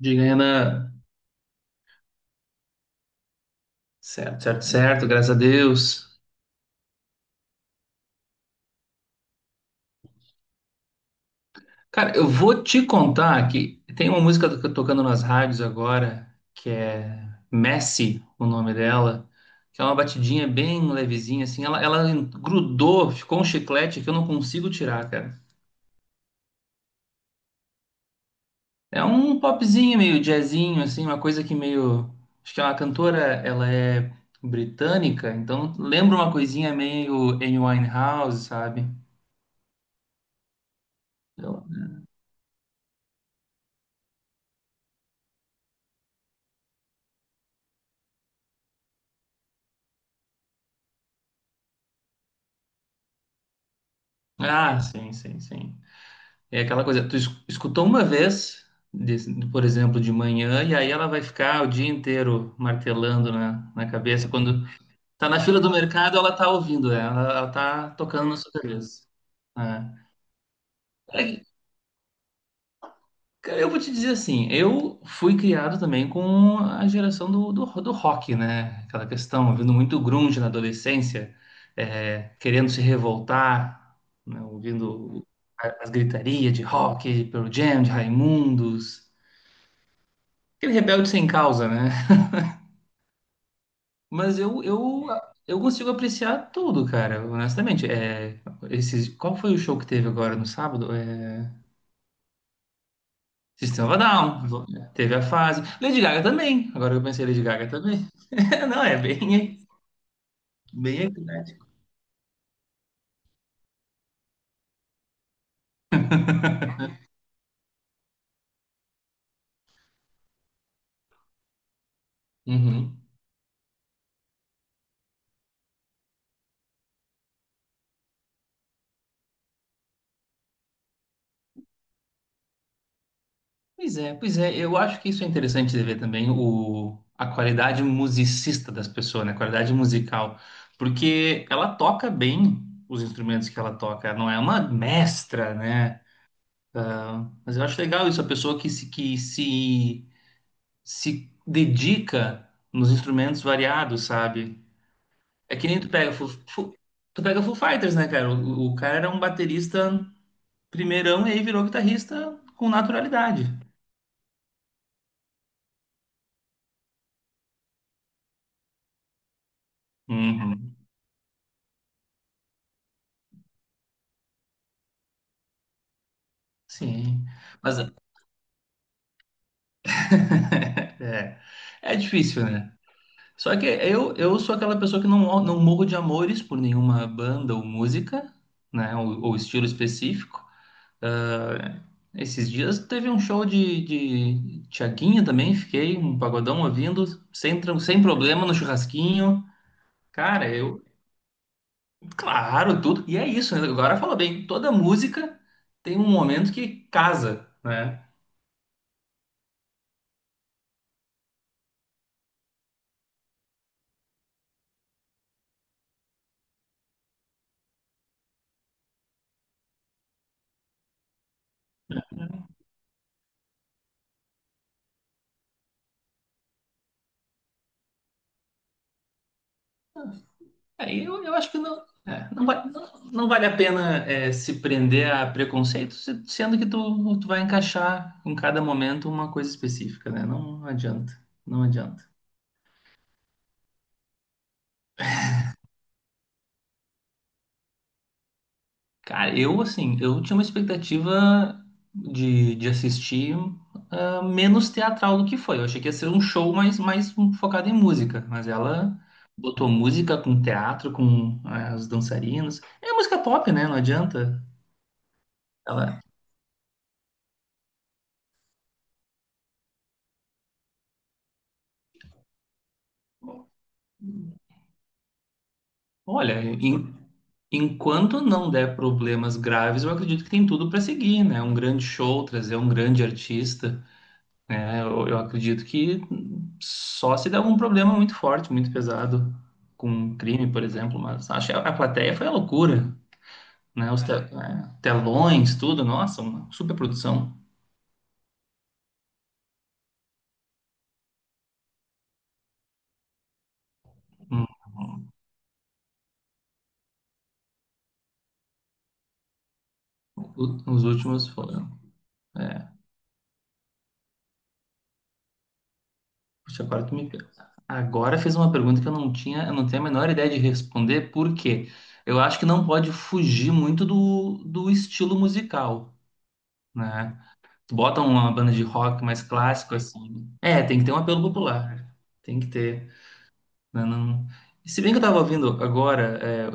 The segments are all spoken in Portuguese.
Diga, Renan. Certo, certo, certo, graças a Deus. Cara, eu vou te contar que tem uma música tocando nas rádios agora, que é Messi, o nome dela, que é uma batidinha bem levezinha, assim. Ela grudou, ficou um chiclete que eu não consigo tirar, cara. É um popzinho, meio jazzinho, assim, uma coisa que meio. Acho que é uma cantora, ela é britânica, então lembra uma coisinha meio Amy Winehouse, sabe? Eu- Ah, sim, sim, sim. É aquela coisa, tu escutou uma vez, por exemplo, de manhã, e aí ela vai ficar o dia inteiro martelando na cabeça. Quando tá na fila do mercado, ela tá ouvindo, né? Ela tá tocando na sua cabeça. É. É, cara, eu vou te dizer assim, eu fui criado também com a geração do rock, né? Aquela questão, ouvindo muito grunge na adolescência, é, querendo se revoltar, né? Ouvindo as gritarias de rock, de Pearl Jam, de Raimundos. Aquele rebelde sem causa, né? Mas eu consigo apreciar tudo, cara, honestamente. É, qual foi o show que teve agora no sábado? É, System of a Down. Teve a fase. Lady Gaga também. Agora que eu pensei, Lady Gaga também. Não, é bem, bem eclético. Uhum. Pois é, pois é. Eu acho que isso é interessante de ver também a qualidade musicista das pessoas, né? A qualidade musical. Porque ela toca bem os instrumentos que ela toca. Ela não é uma mestra, né? Ah, mas eu acho legal isso, a pessoa que se dedica nos instrumentos variados, sabe? É que nem tu pega Foo Fighters, né, cara? O cara era um baterista primeirão e aí virou guitarrista com naturalidade. Uhum. Sim. Mas é, é difícil, né? Só que eu sou aquela pessoa que não, não morro de amores por nenhuma banda ou música, né? Ou estilo específico. É. Esses dias teve um show de Tiaguinho também, fiquei um pagodão ouvindo, sem problema no churrasquinho. Cara, eu, claro, tudo. E é isso, né? Agora fala bem, toda música tem um momento que casa, né? Aí eu acho que não, não, não vale a pena é, se prender a preconceitos, sendo que tu vai encaixar em cada momento uma coisa específica, né? Não adianta, não adianta. Cara, eu assim, eu tinha uma expectativa de assistir menos teatral do que foi. Eu achei que ia ser um show mais focado em música, mas ela botou música com teatro, com as dançarinas. É música pop, né? Não adianta. Ela, olha, enquanto não der problemas graves, eu acredito que tem tudo para seguir, né? Um grande show, trazer um grande artista, né? Eu acredito que só se der algum problema muito forte, muito pesado, com um crime, por exemplo. Mas acho que a plateia foi a loucura, né? Os telões, tudo, nossa, uma superprodução. Hum, Os últimos foram. É, puxa, agora tu me pega. Agora fez uma pergunta que eu não tinha, eu não tenho a menor ideia de responder, por quê? Eu acho que não pode fugir muito do estilo musical, né? Bota uma banda de rock mais clássico, assim. É, tem que ter um apelo popular. Tem que ter. Não, não- E se bem que eu tava ouvindo agora,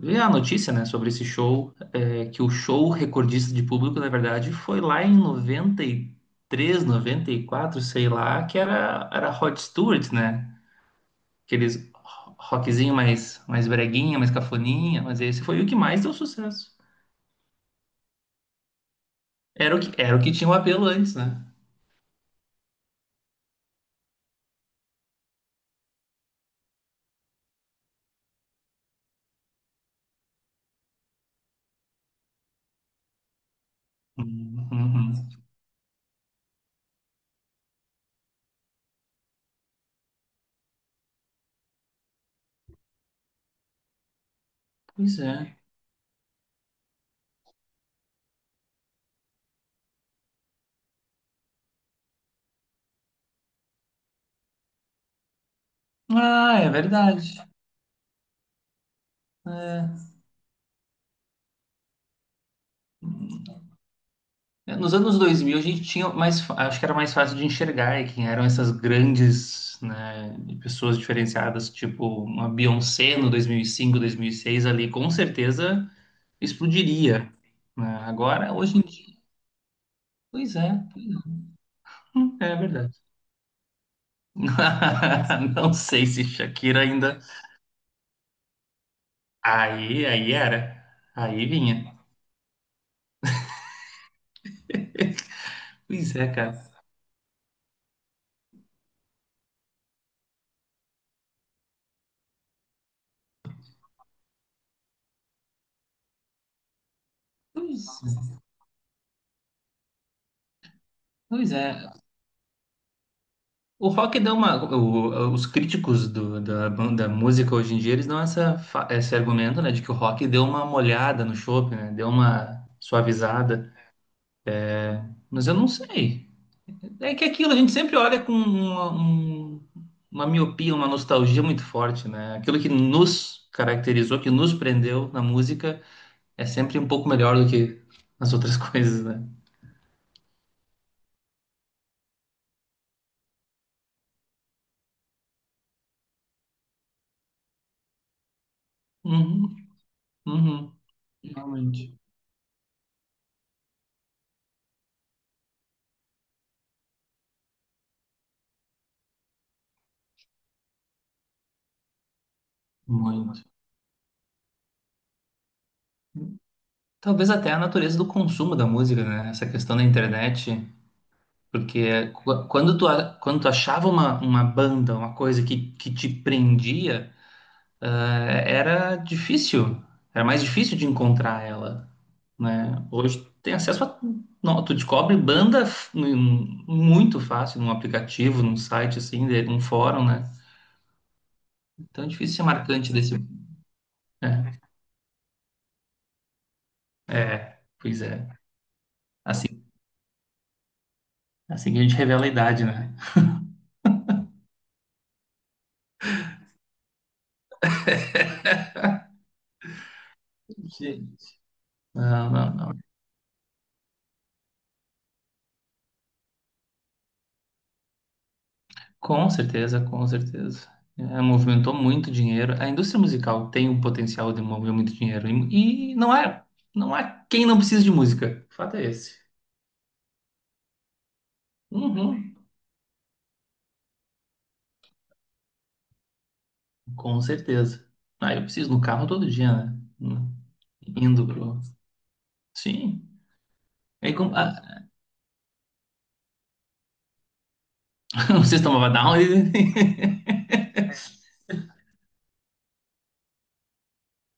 vi a notícia, né, sobre esse show, que o show recordista de público, na verdade, foi lá em 90, 93, 94, sei lá, que era Rod Stewart, né? Aqueles rockzinho mais breguinha, mais cafoninha, mas esse foi o que mais deu sucesso. Era o que tinha o apelo antes, né? Uhum. Uhum. Pois é. Ah, é verdade. É. Nos anos 2000 a gente tinha mais, acho que era mais fácil de enxergar quem eram essas grandes, né, pessoas diferenciadas, tipo uma Beyoncé no dois mil e cinco, 2006, ali, com certeza explodiria, né? Agora, hoje em dia, pois é. É verdade. Não sei se Shakira ainda. Aí, aí era. Aí vinha. Pois é, cara. Pois, é, pois é. O rock dá uma. Os críticos da música hoje em dia, eles dão esse argumento, né, de que o rock deu uma molhada no chopp, né, deu uma suavizada. Mas eu não sei. É que aquilo, a gente sempre olha com uma miopia, uma nostalgia muito forte, né? Aquilo que nos caracterizou, que nos prendeu na música, é sempre um pouco melhor do que as outras coisas, né? Uhum, uhum. Realmente. Muito. Talvez até a natureza do consumo da música, né? Essa questão da internet, porque quando tu achava uma banda, uma coisa que te prendia, era difícil, era mais difícil de encontrar ela, né? Hoje tu tem acesso a, não, tu descobre banda muito fácil num aplicativo, num site assim, num fórum, né? Então é difícil ser marcante desse. É, é, pois é. Assim, assim que a gente revela a idade, né? Sim. Não, não, não. Com certeza, com certeza. É, movimentou muito dinheiro. A indústria musical tem o potencial de mover muito dinheiro. E não é, não há quem não precisa de música. O fato é esse. Uhum, com certeza. Ah, eu preciso no carro todo dia, né? Indo pro. Sim. Aí, como, o sistema vai dar um.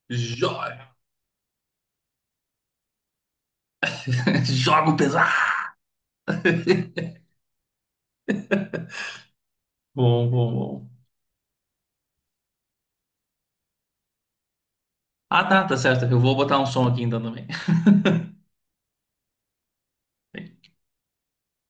Joga! Joga o pesado! Bom, bom, bom. Ah, tá, tá certo. Eu vou botar um som aqui então também.